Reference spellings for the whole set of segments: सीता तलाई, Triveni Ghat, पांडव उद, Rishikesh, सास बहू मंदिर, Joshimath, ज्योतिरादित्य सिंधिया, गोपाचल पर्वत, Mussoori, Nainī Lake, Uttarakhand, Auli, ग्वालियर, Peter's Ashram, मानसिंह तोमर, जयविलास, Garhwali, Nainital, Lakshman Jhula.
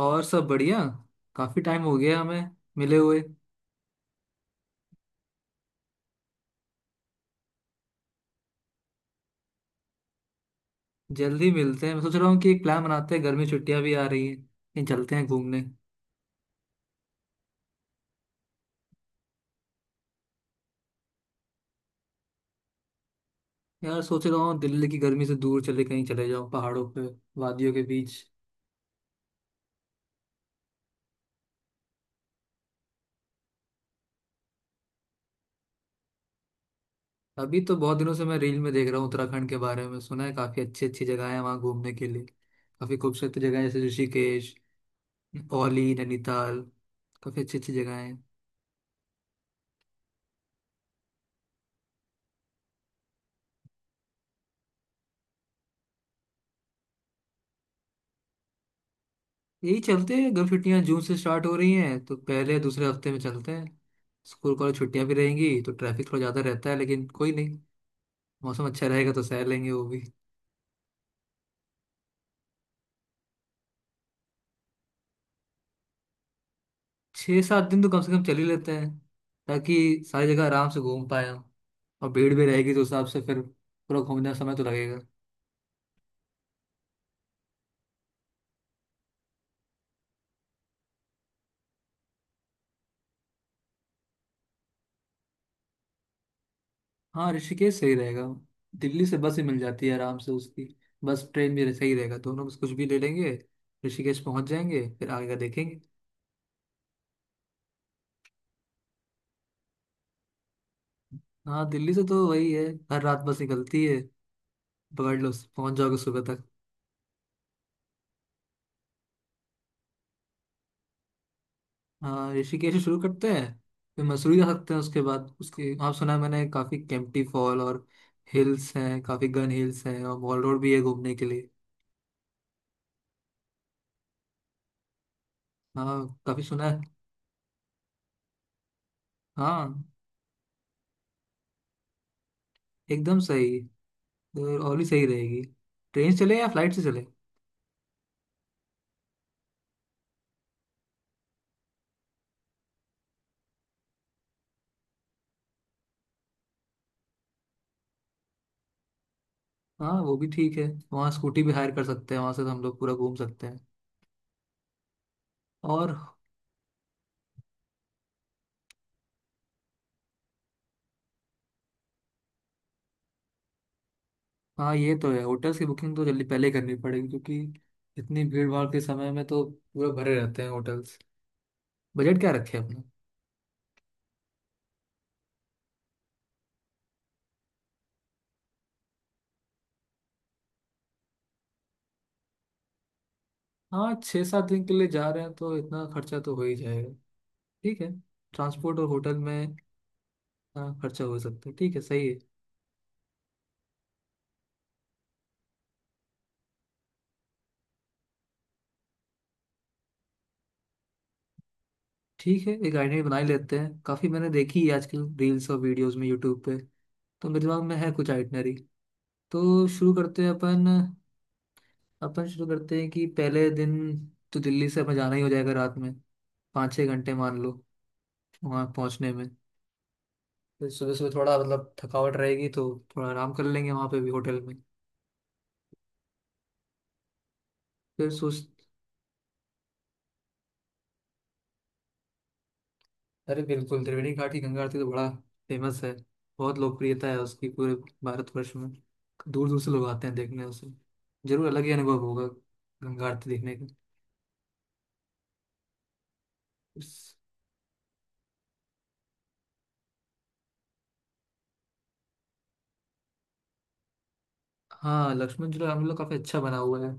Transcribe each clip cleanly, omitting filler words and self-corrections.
और सब बढ़िया। काफी टाइम हो गया हमें मिले हुए। जल्दी मिलते हैं, मैं सोच रहा हूँ कि एक प्लान बनाते हैं, गर्मी छुट्टियां भी आ रही हैं, कहीं चलते हैं घूमने। यार सोच रहा हूँ दिल्ली की गर्मी से दूर चले, कहीं चले जाओ पहाड़ों पे, वादियों के बीच। अभी तो बहुत दिनों से मैं रील में देख रहा हूँ, उत्तराखंड के बारे में सुना है, काफी अच्छी अच्छी जगह है वहाँ घूमने के लिए, काफी खूबसूरत जगह है, जैसे ऋषिकेश, औली, नैनीताल, काफी अच्छी अच्छी जगह है। यही चलते हैं, गर्म छुट्टियां जून से स्टार्ट हो रही हैं, तो पहले दूसरे हफ्ते में चलते हैं। स्कूल कॉलेज छुट्टियां भी रहेंगी, तो ट्रैफिक थोड़ा ज़्यादा रहता है, लेकिन कोई नहीं, मौसम अच्छा रहेगा तो सह लेंगे वो भी। 6 7 दिन तो कम से कम चल ही लेते हैं, ताकि सारी जगह आराम से घूम पाए हम। और भीड़ भी रहेगी, तो उस हिसाब से फिर पूरा घूमने का समय तो लगेगा। हाँ, ऋषिकेश सही रहेगा। दिल्ली से बस ही मिल जाती है आराम से उसकी। बस ट्रेन भी सही रहेगा, दोनों बस कुछ भी ले लेंगे, ऋषिकेश पहुंच जाएंगे फिर आगे का देखेंगे। हाँ दिल्ली से तो वही है, हर रात बस निकलती है, पकड़ लो, पहुंच जाओगे सुबह तक। हाँ ऋषिकेश से शुरू करते हैं, फिर मसूरी जा सकते हैं उसके बाद। उसके आप सुना है मैंने काफ़ी केम्प्टी फॉल और हिल्स हैं, काफ़ी गन हिल्स हैं, और मॉल रोड भी है घूमने के लिए। हाँ, काफ़ी सुना है। हाँ, एकदम सही, तो और भी सही रहेगी। ट्रेन से चले या फ्लाइट से चले? हाँ वो भी ठीक है, वहाँ स्कूटी भी हायर कर सकते हैं, वहाँ से हम लोग पूरा घूम सकते हैं। और हाँ, ये तो है, होटल्स की बुकिंग तो जल्दी पहले करनी पड़ेगी, क्योंकि इतनी भीड़ भाड़ के समय में तो पूरा भरे रहते हैं होटल्स। बजट क्या रखे अपना? हाँ, 6 7 दिन के लिए जा रहे हैं, तो इतना खर्चा तो हो ही जाएगा। ठीक है, ट्रांसपोर्ट और होटल में। हाँ, खर्चा हो सकता है, ठीक है, सही है। ठीक है, एक आइडिया बना ही लेते हैं, काफ़ी मैंने देखी है आजकल रील्स और वीडियोस में यूट्यूब पे, तो मेरे दिमाग में है कुछ आइटनरी, तो शुरू करते हैं अपन। अपन शुरू करते हैं कि पहले दिन तो दिल्ली से अपन जाना ही हो जाएगा रात में, 5 6 घंटे मान लो वहाँ पहुँचने में। फिर सुबह सुबह थोड़ा मतलब थकावट रहेगी, तो थोड़ा आराम कर लेंगे वहाँ पे भी होटल में। फिर सोच, अरे बिल्कुल त्रिवेणी घाट की गंगा आरती तो बड़ा फेमस है, बहुत लोकप्रियता है उसकी पूरे भारतवर्ष में, दूर दूर से लोग आते हैं देखने उसे। जरूर अलग ही अनुभव होगा गंगा आरती देखने का। उस- हाँ लक्ष्मण झूला हम लोग काफी अच्छा बना हुआ है,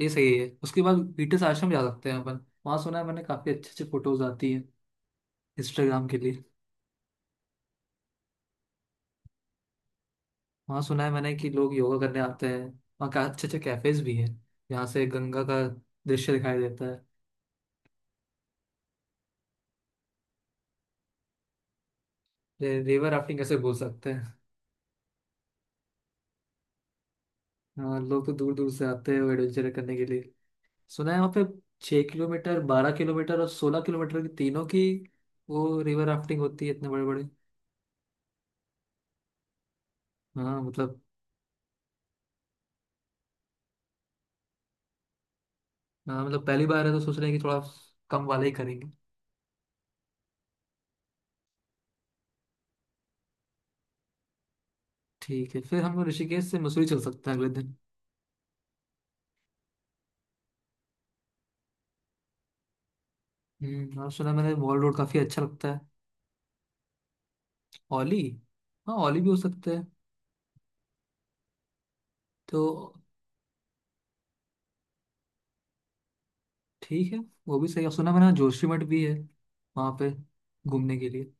ये सही है। उसके बाद पीटर्स आश्रम जा सकते हैं अपन, वहाँ सुना है मैंने काफी अच्छे अच्छे फोटोज आती हैं इंस्टाग्राम के लिए। वहाँ सुना है मैंने कि लोग योगा करने आते हैं, वहाँ का अच्छे अच्छे कैफेज भी हैं, यहाँ से गंगा का दृश्य दिखाई देता है। रिवर राफ्टिंग कैसे भूल सकते हैं। हाँ लोग तो दूर दूर से आते हैं वो एडवेंचर करने के लिए, सुना है वहाँ पे 6 किलोमीटर, 12 किलोमीटर और 16 किलोमीटर की तीनों की वो रिवर राफ्टिंग होती है, इतने बड़े बड़े। हाँ मतलब, हाँ मतलब पहली बार है, तो सोच रहे हैं कि थोड़ा कम वाला ही करेंगे। ठीक है, फिर हम लोग ऋषिकेश से मसूरी चल सकते हैं अगले दिन। हम्म, और सुना है मैंने मॉल रोड काफ़ी अच्छा लगता है। ओली, हाँ ओली भी हो सकता है। तो ठीक है, वो भी सही है। और सुना है मैंने जोशीमठ भी है वहाँ पे घूमने के लिए।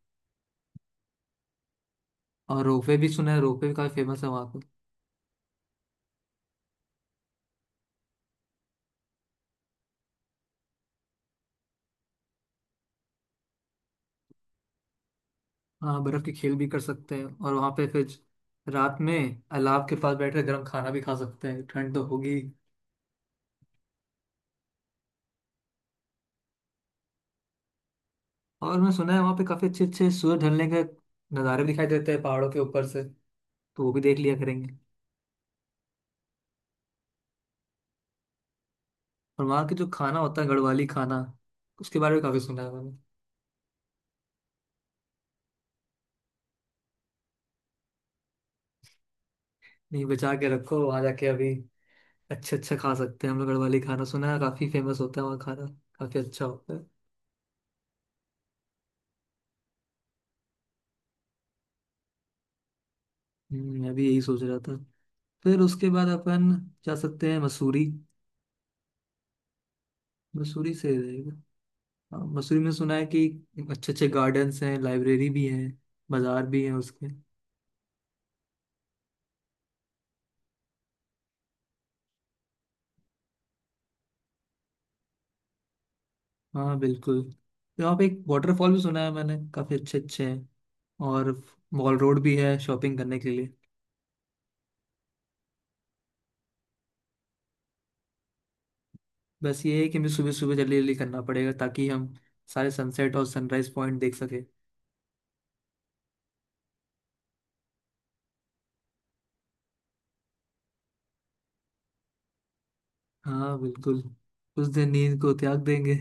और रोपवे भी सुना है, रोपवे भी काफ़ी फेमस है वहाँ। हाँ बर्फ के खेल भी कर सकते हैं, और वहां पे फिर रात में अलाव के पास बैठकर गर्म खाना भी खा सकते हैं, ठंड तो होगी ही। और मैं सुना है वहां पे काफी अच्छे अच्छे सूरज ढलने के नज़ारे भी दिखाई देते हैं पहाड़ों के ऊपर से, तो वो भी देख लिया करेंगे। और वहाँ के जो खाना होता है, गढ़वाली खाना, उसके बारे में काफी सुना है मैंने। नहीं, बचा के रखो, वहां जाके अभी अच्छे अच्छा खा सकते हैं हम लोग। गढ़वाली खाना सुना है काफी फेमस होता है, वहाँ खाना काफी अच्छा होता है। मैं भी यही सोच रहा था। फिर उसके बाद अपन जा सकते हैं मसूरी। मसूरी से जाएगा। हाँ, मसूरी में सुना है कि अच्छे अच्छे गार्डन्स हैं, लाइब्रेरी भी है, बाजार भी है उसके। हाँ बिल्कुल, तो यहाँ पे एक वाटरफॉल भी सुना है मैंने, काफी अच्छे अच्छे हैं, और मॉल रोड भी है शॉपिंग करने के लिए। बस ये है कि हमें सुबह सुबह जल्दी जल्दी करना पड़ेगा, ताकि हम सारे सनसेट और सनराइज पॉइंट देख सके। हाँ बिल्कुल, उस दिन नींद को त्याग देंगे।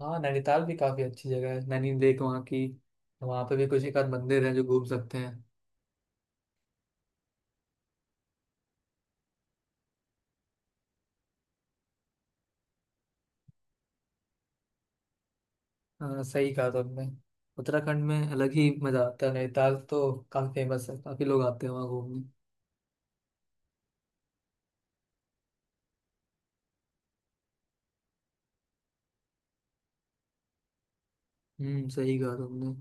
हाँ नैनीताल भी काफी अच्छी जगह है, नैनी लेक वहाँ की, वहाँ पे भी कुछ एक आध मंदिर है जो घूम सकते हैं। हाँ सही कहा तुमने। उत्तराखंड में अलग ही मजा आता है, नैनीताल तो काफी फेमस है, काफी लोग आते हैं वहाँ घूमने। हम्म, सही कहा तुमने।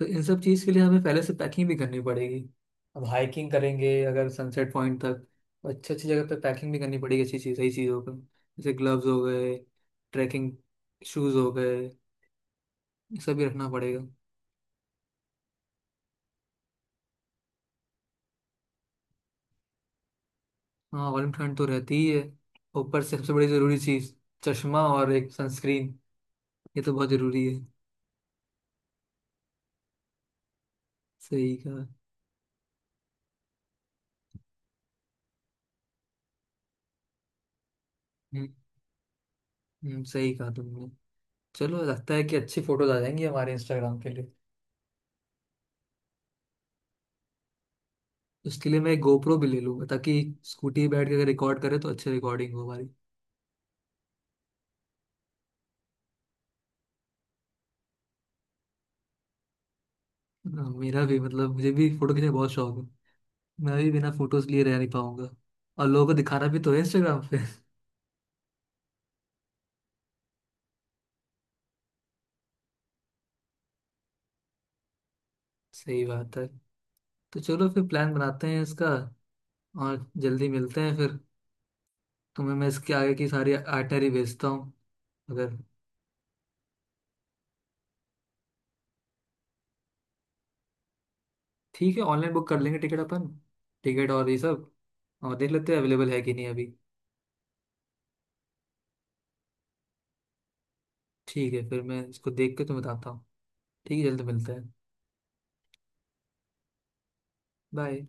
तो इन सब चीज़ के लिए हमें पहले से पैकिंग भी करनी पड़ेगी, अब हाइकिंग करेंगे अगर सनसेट पॉइंट तक, तो अच्छी अच्छी जगह पे पैकिंग भी करनी पड़ेगी, अच्छी चीज़ सही चीज़ों पर, जैसे ग्लव्स हो गए, ट्रैकिंग शूज़ हो गए, ये सब भी रखना पड़ेगा। हाँ वाली ठंड तो रहती ही है, ऊपर से सबसे बड़ी ज़रूरी चीज़, चश्मा और एक सनस्क्रीन, ये तो बहुत ज़रूरी है। सही कहा। सही कहा तुमने। चलो लगता है कि अच्छी फोटोज आ जाएंगी हमारे इंस्टाग्राम के लिए। उसके लिए मैं एक गोप्रो भी ले लूंगा, ताकि स्कूटी पे बैठ के अगर रिकॉर्ड करे तो अच्छी रिकॉर्डिंग हो हमारी। हाँ, मेरा भी मतलब मुझे भी फोटो खींचने का बहुत शौक है, मैं भी बिना फोटोज लिए रह नहीं पाऊंगा। और लोगों को दिखाना भी तो है इंस्टाग्राम पे। सही बात है। तो चलो फिर प्लान बनाते हैं इसका, और जल्दी मिलते हैं फिर। तुम्हें मैं इसके आगे की सारी आइटनरी भेजता हूँ, अगर ठीक है। ऑनलाइन बुक कर लेंगे टिकट अपन, टिकट और ये सब, और देख लेते हैं अवेलेबल है कि नहीं अभी। ठीक है, फिर मैं इसको देख के तुम्हें बताता हूँ। ठीक है, जल्द मिलते हैं। बाय।